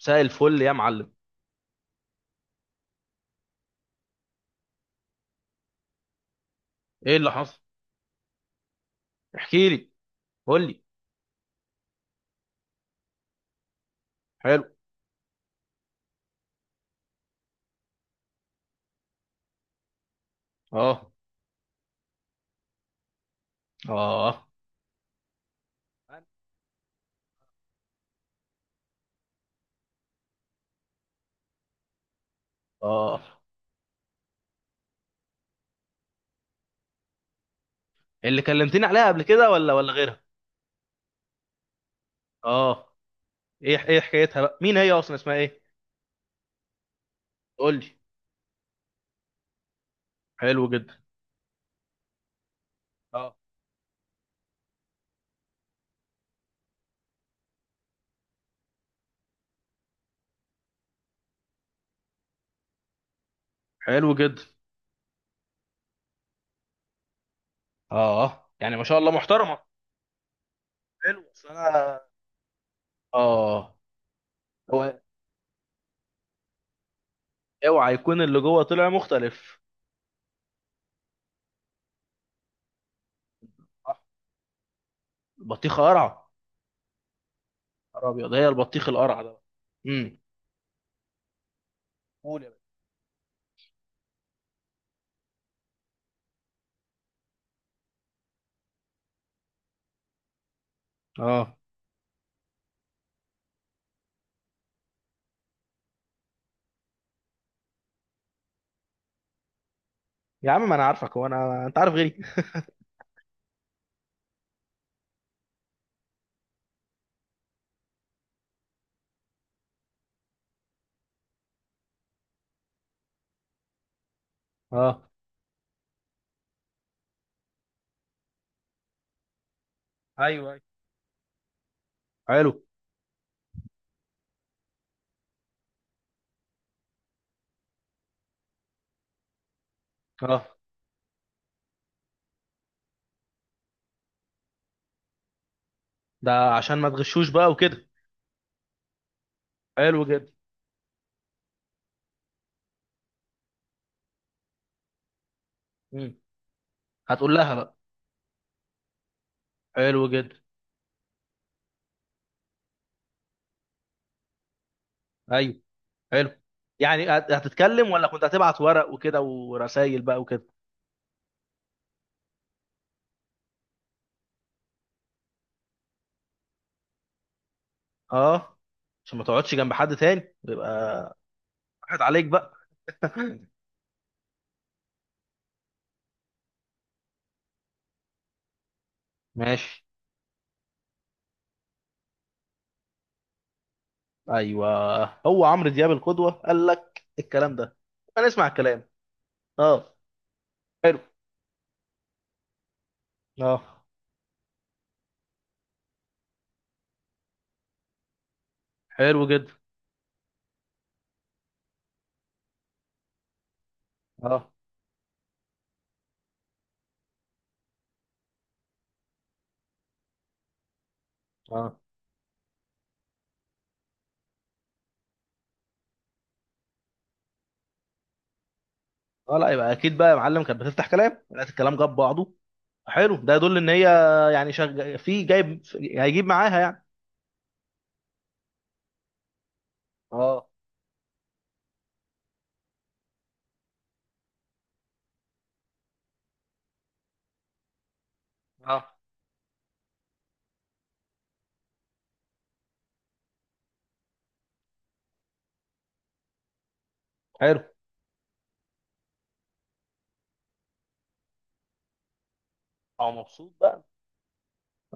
مساء الفل يا معلم. ايه اللي حصل؟ احكي لي. قول لي. حلو. اه. اه. اه، اللي كلمتني عليها قبل كده ولا غيرها؟ اه. ايه ايه حكايتها بقى، مين هي اصلا، اسمها ايه؟ قول لي. حلو جدا. اه. حلو جدا. اه، يعني ما شاء الله محترمه. حلو، اصل انا. اه. هو اوعى يكون اللي جوه طلع مختلف. صح. البطيخه قرعه. نهار ابيض، هي البطيخ القرعه ده بقى. امم. قول يا باشا. اه. يا عم ما انا عارفك، هو انا انت عارف غيري؟ اه. ايوه ايوه. حلو. اه. ده عشان ما تغشوش بقى وكده. حلو جدا. مم. هتقول لها بقى؟ حلو جدا. ايوه. حلو. يعني هتتكلم ولا كنت هتبعت ورق وكده ورسايل بقى وكده؟ اه، عشان ما تقعدش جنب حد تاني يبقى. راحت عليك بقى. ماشي. ايوه، هو عمرو دياب القدوة قال لك الكلام ده؟ هنسمع الكلام. اه. حلو. اه. حلو جدا. اه. اه. اه، لا يبقى اكيد بقى يا معلم، كانت بتفتح كلام لقيت الكلام جاب بعضه. حلو، ده يدل ان هي، يعني في جايب هيجيب معاها يعني. اه. اه. حلو. او مبسوط بقى.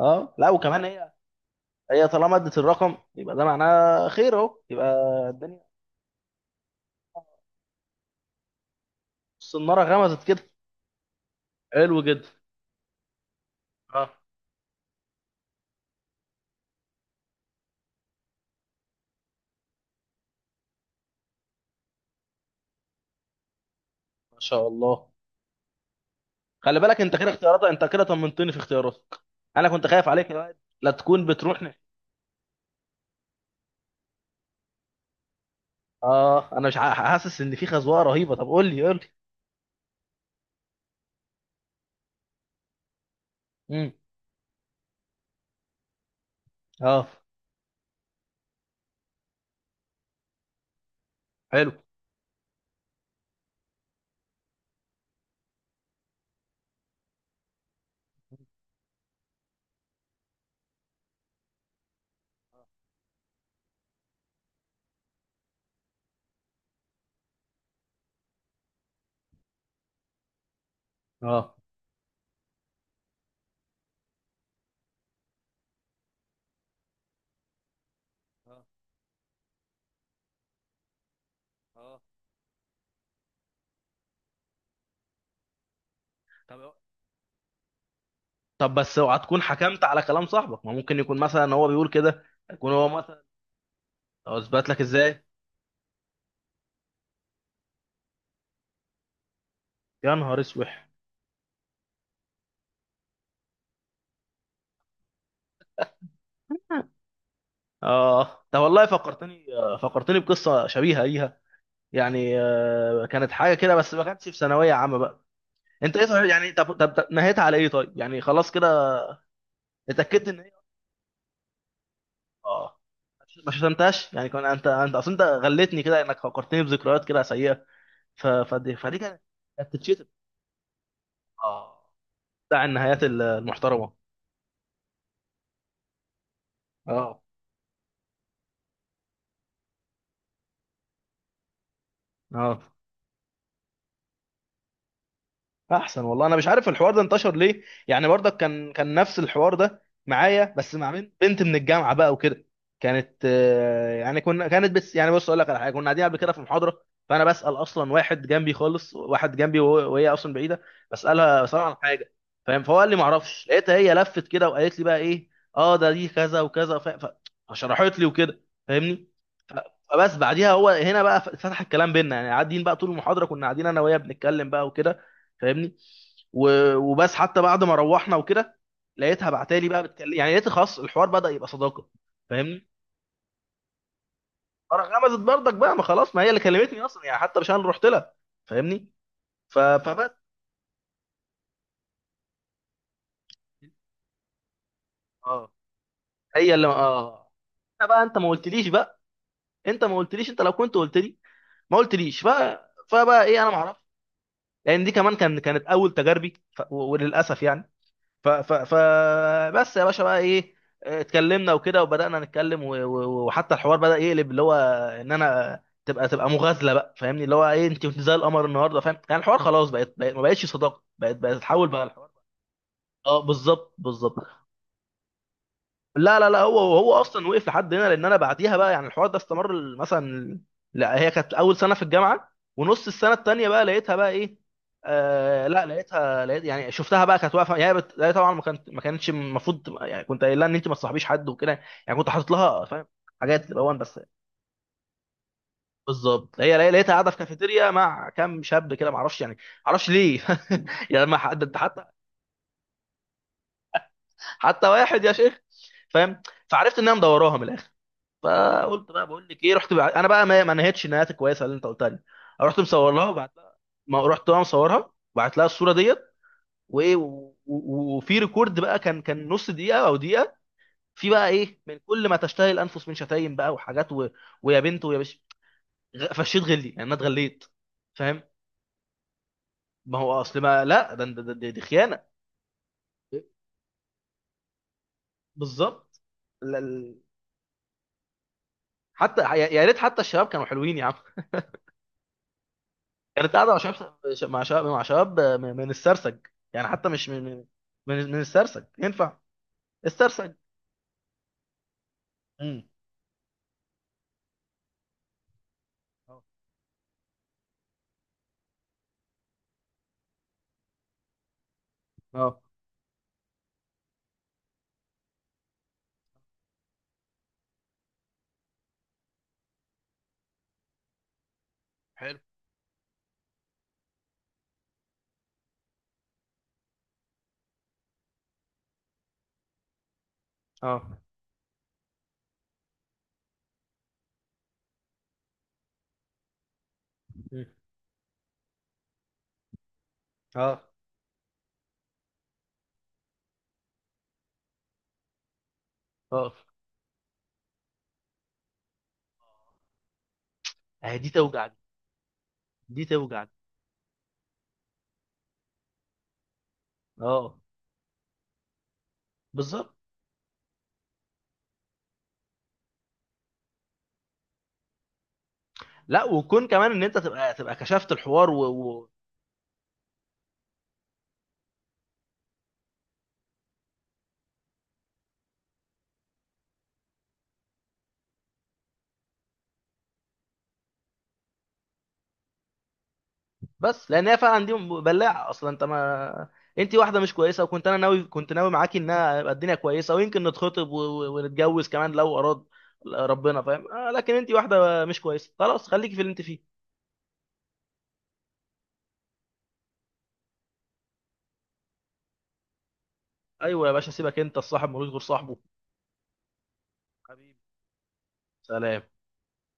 اه، لا وكمان هي، هي طالما ادت الرقم يبقى ده معناه خير اهو يبقى. الدنيا. الصناره غمزت كده. حلو جدا. اه. ما شاء الله. خلي بالك، انت كده اختياراتك، انت كده طمنتني في اختياراتك. انا كنت خايف عليك يا واد لا تكون بتروح اه، انا مش حاسس ان في خزوقه رهيبه، طب قول لي قول لي. امم. اه. حلو. اه. اه. آه. طب طب بس اوعى تكون حكمت على كلام صاحبك، ما ممكن يكون مثلا هو بيقول كده، يكون هو مثلا. او اثبت لك ازاي؟ يا نهار اسوح. اه، ده والله فكرتني، فكرتني بقصه شبيهه ليها. يعني كانت حاجه كده، بس ما كانتش في ثانويه عامه بقى. انت ايه صحيح يعني، طب طب طب نهيتها على ايه طيب، يعني خلاص كده؟ اتاكدت ان هي. اه. ما شتمتهاش يعني، كان انت اصل انت غلتني كده انك فكرتني بذكريات كده سيئه. فدي كانت، كانت تتشتم. اه. بتاع النهايات المحترمه. اه. اه. احسن والله، انا مش عارف الحوار ده انتشر ليه. يعني برضك كان نفس الحوار ده معايا، بس مع بنت من الجامعه بقى وكده. كانت، يعني كانت بس، يعني بص اقول لك على حاجه، كنا قاعدين قبل كده في محاضره، فانا بسال اصلا واحد جنبي خالص، واحد جنبي، وهي اصلا بعيده. بسالها عن حاجه. فاهم؟ فهو قال لي ما اعرفش، لقيتها هي لفت كده وقالت لي بقى ايه. اه، ده دي كذا وكذا فشرحت لي وكده، فاهمني؟ ف- فبس بعديها هو هنا بقى فتح الكلام بينا، يعني قاعدين بقى طول المحاضره، كنا قاعدين انا وهي بنتكلم بقى وكده، فاهمني؟ وبس حتى بعد ما روحنا وكده لقيتها بعتالي بقى بتكلم، يعني لقيت خلاص الحوار بدأ يبقى صداقه، فاهمني؟ انا غمزت برضك بقى، ما خلاص، ما هي اللي كلمتني اصلا يعني، حتى مش انا اللي رحت لها، فاهمني؟ فبس. اه، هي اللي اه. أنا بقى، انت ما قلتليش بقى، انت ما قلتليش، انت لو كنت قلت لي، ما قلتليش فبقى ايه، انا ما اعرفش. لان دي كمان كانت اول تجاربي، وللاسف يعني. ف ف ف بس يا باشا بقى ايه، اتكلمنا وكده وبدأنا نتكلم وحتى الحوار بدأ يقلب اللي هو ان انا تبقى مغازلة بقى، فاهمني؟ اللي هو ايه، انت كنت زي القمر النهارده، فاهم؟ يعني الحوار خلاص ما بقتش صداقة، بقت تحول بقى الحوار. اه، بالظبط بالظبط. لا لا لا، هو هو اصلا وقف لحد هنا، لان انا بعديها بقى يعني الحوار ده استمر مثلا. لا، هي كانت اول سنه في الجامعه، ونص السنه التانيه بقى لقيتها بقى ايه. آه لا، لقيت يعني شفتها بقى، كانت واقفه، هي هي طبعا ما كانتش المفروض يعني كنت قايل لها ان انت ما تصاحبيش حد وكده. يعني كنت حاطط لها، فاهم؟ حاجات تبقى وان بس. بالظبط، هي لقيتها قاعده في كافيتيريا مع كام شاب كده، ما اعرفش، يعني ما اعرفش ليه. يعني ما حد انت حتى، حتى واحد يا شيخ، فاهم؟ فعرفت انها مدوراها من الاخر. فقلت بقى بقول لك ايه، رحت بقى انا بقى، ما نهيتش النهايات الكويسه اللي انت قلتها لي، رحت مصور لها وبعت لها. ما رحت بقى مصورها وبعت لها الصوره ديت، وايه وفي ريكورد بقى، كان نص دقيقه او دقيقه، في بقى ايه من كل ما تشتهي الانفس من شتايم بقى وحاجات ويا بنت ويا بش، فشيت غلي، يعني انا اتغليت، فاهم؟ ما هو اصل ما، لا ده دي خيانه. بالظبط. لا- ال-. حتى يا ريت حتى الشباب كانوا حلوين يا عم، كانت قاعده مع شباب، مع شباب، مع شباب من السرسج، يعني حتى مش من، من من السرسج ينفع؟ السرسج. امم. اه. اه. حلو. اه. مم. اه. اه. دي توجع دي، دي توجع دي. اه، بالظبط. لا، وكون كمان ان انت تبقى، كشفت الحوار بس لان هي فعلا دي بلاعه اصلا، انت واحده مش كويسه، وكنت انا ناوي، كنت ناوي معاكي انها يبقى الدنيا كويسه، ويمكن نتخطب ونتجوز كمان لو اراد ربنا، فاهم؟ لكن انت واحده مش كويسه، خلاص خليكي في اللي انت فيه. ايوه يا باشا، سيبك، انت الصاحب ملوش غير صاحبه. حبيبي. سلام.